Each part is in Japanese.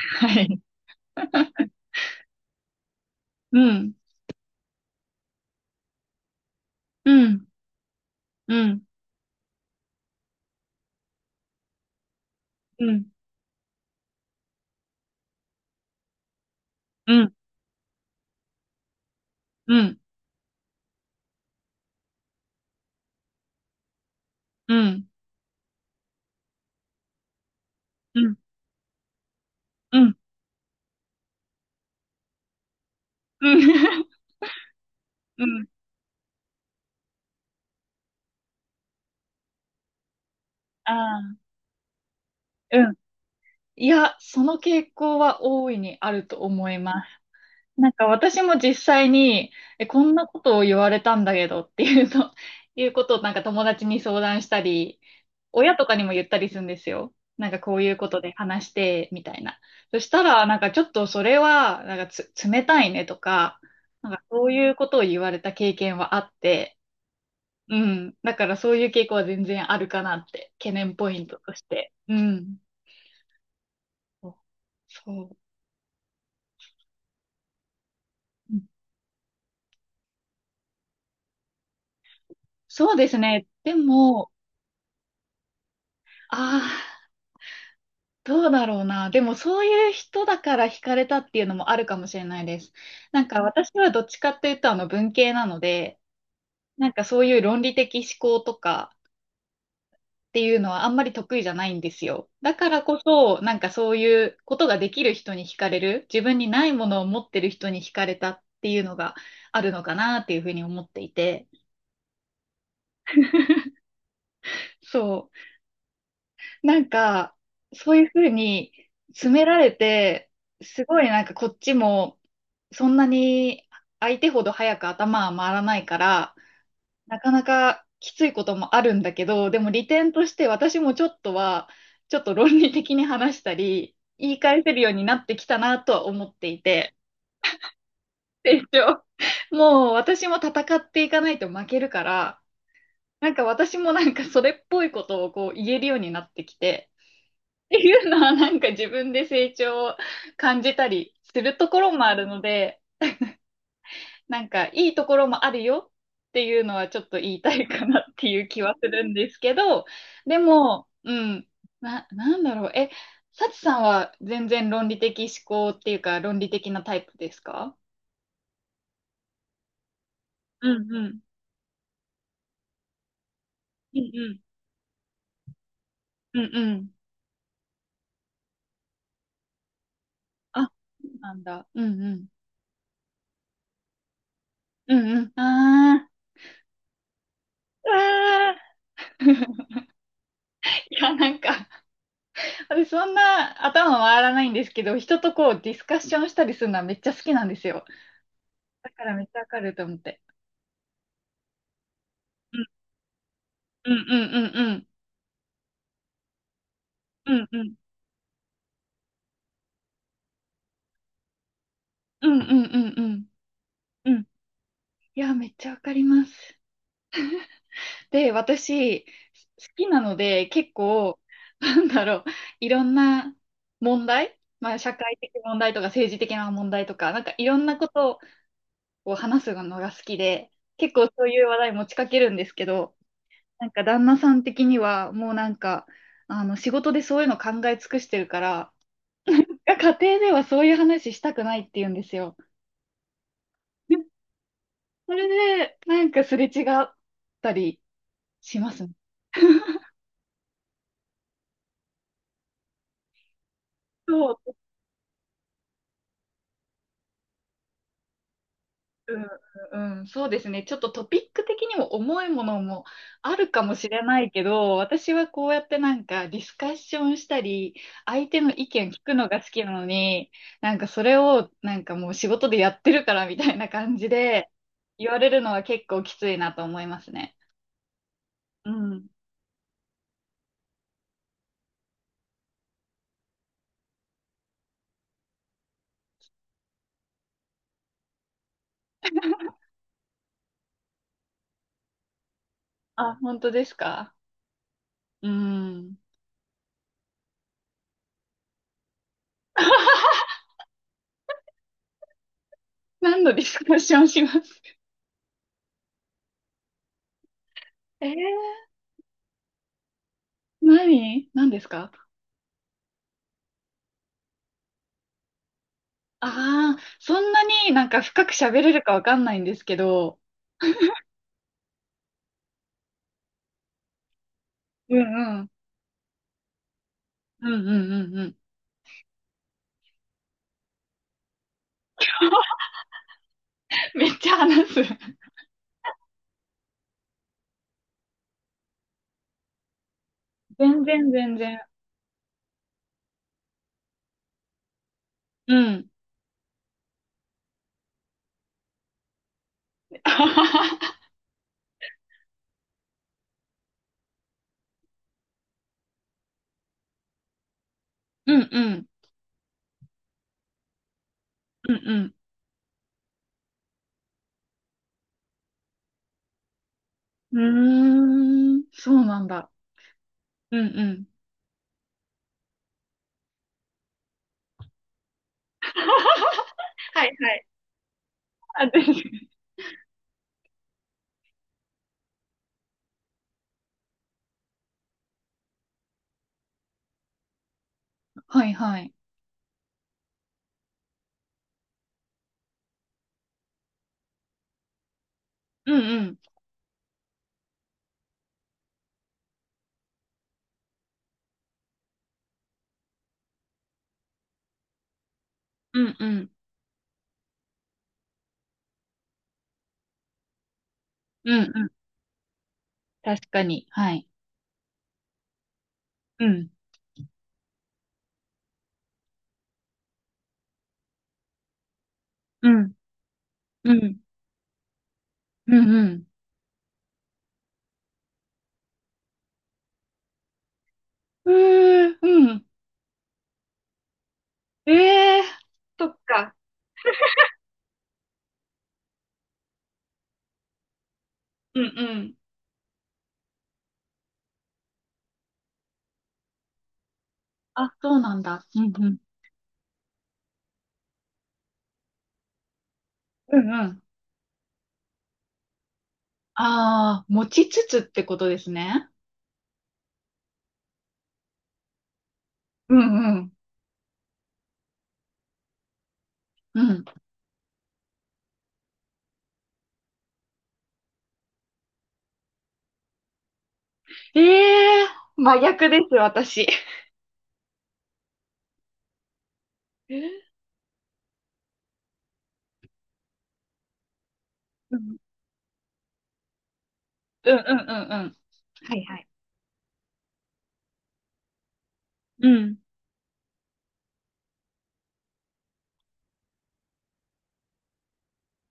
はい。うん、うん、うん、うん、うん、うん、うん、うん、うん、うん、うん、ああ、うん。いや、その傾向は大いにあると思います。なんか私も実際に、え、こんなことを言われたんだけどっていうと、いうことをなんか友達に相談したり、親とかにも言ったりするんですよ。なんかこういうことで話して、みたいな。そしたら、なんかちょっとそれは、なんか冷たいねとか、なんかそういうことを言われた経験はあって、うん。だからそういう傾向は全然あるかなって、懸念ポイントとして。うん。そう。そう、うん、そうですね。でも、ああ、どうだろうな。でもそういう人だから惹かれたっていうのもあるかもしれないです。なんか私はどっちかっていうと文系なので、なんかそういう論理的思考とかっていうのはあんまり得意じゃないんですよ。だからこそ、なんかそういうことができる人に惹かれる、自分にないものを持ってる人に惹かれたっていうのがあるのかなっていうふうに思っていて。そう。なんか、そういうふうに詰められて、すごいなんかこっちも、そんなに相手ほど早く頭は回らないから、なかなかきついこともあるんだけど、でも利点として私もちょっとは、ちょっと論理的に話したり、言い返せるようになってきたなとは思っていて、成長。もう私も戦っていかないと負けるから、なんか私もなんかそれっぽいことをこう言えるようになってきて、っていうのはなんか自分で成長を感じたりするところもあるので、なんかいいところもあるよっていうのはちょっと言いたいかなっていう気はするんですけど、でも、うん、なんだろう、サチさんは全然論理的思考っていうか論理的なタイプですか？うん、うん。うん、うん。うん、うん。あ、そうなんだ。うん、うん。うん、うん。あー、あー。いや、なんか、私そんな頭回らないんですけど、人とこうディスカッションしたりするのはめっちゃ好きなんですよ。だからめっちゃわかると思って。うん、うん、うん、うん、うん、うん、うん、うん、うん、うん、うん。いや、めっちゃわかります。で、私、好きなので、結構、なんだろう、いろんな問題、まあ、社会的問題とか政治的な問題とか、なんかいろんなことを話すのが好きで、結構そういう話題持ちかけるんですけど、なんか旦那さん的には、もうなんか、仕事でそういうの考え尽くしてるから、家庭ではそういう話したくないって言うんですよ。でそれで、なんかすれ違ったりしますね。そう。うん、うん、うん、そうですね。ちょっとトピック的にも重いものもあるかもしれないけど、私はこうやってなんかディスカッションしたり、相手の意見聞くのが好きなのに、なんかそれをなんかもう仕事でやってるからみたいな感じで言われるのは結構きついなと思いますね。うん。あ、本当ですか？うん。何のディスカッションします？えー、何、何ですか？ああ、そんなになんか深く喋れるかわかんないんですけど、うん、うん。うん、うん、うん、うん。めっちゃ話す。全然、全然。うん。うん、うん。うん、うん。うーん。そうなんだ。うん、うん。はい、はい。あ、全然。はい、はい。うん、うん。うん、うん。うん、うん。確かに。はい。うん。うん。うん。うん、うん。うーん。うん。ええー。そっか。うん、うん。あ、そうなんだ。うん、うん。うん、うん。ああ、持ちつつってことですね。うん、うん。うん。ええー、真逆です、私。えーうん。うん、うん、うん、うん。はい、はい。うん。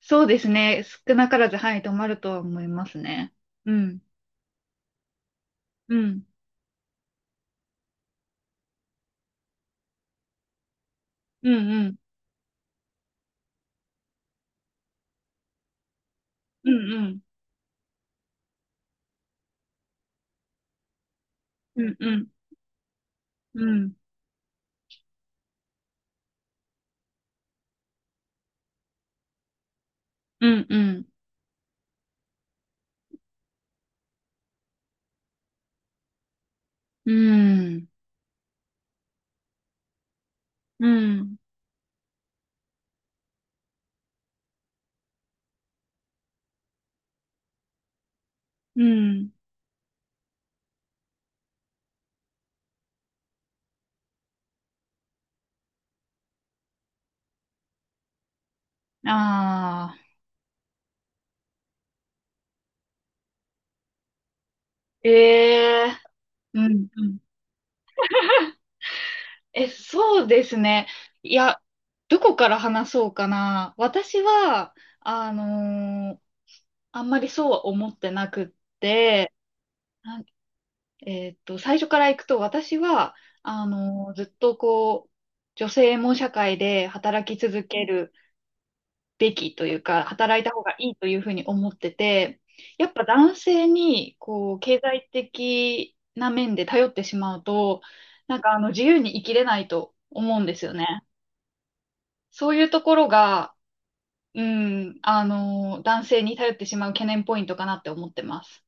そうですね。少なからず、はい、止まるとは思いますね。うん。うん。うん、うん。うん、うん。うん、うん。うん、うん、うん。うん。うん。うん。ああ。ええー。うん、うん。え、そうですね。いや、どこから話そうかな。私は、あのーあんまりそうは思ってなくって、なんえーっと、最初から行くと、私は、ずっとこう、女性も社会で働き続けるべきというか、働いた方がいいというふうに思ってて、やっぱ男性に、こう、経済的な面で頼ってしまうと、なんか自由に生きれないと思うんですよね。そういうところが、うん、男性に頼ってしまう懸念ポイントかなって思ってます。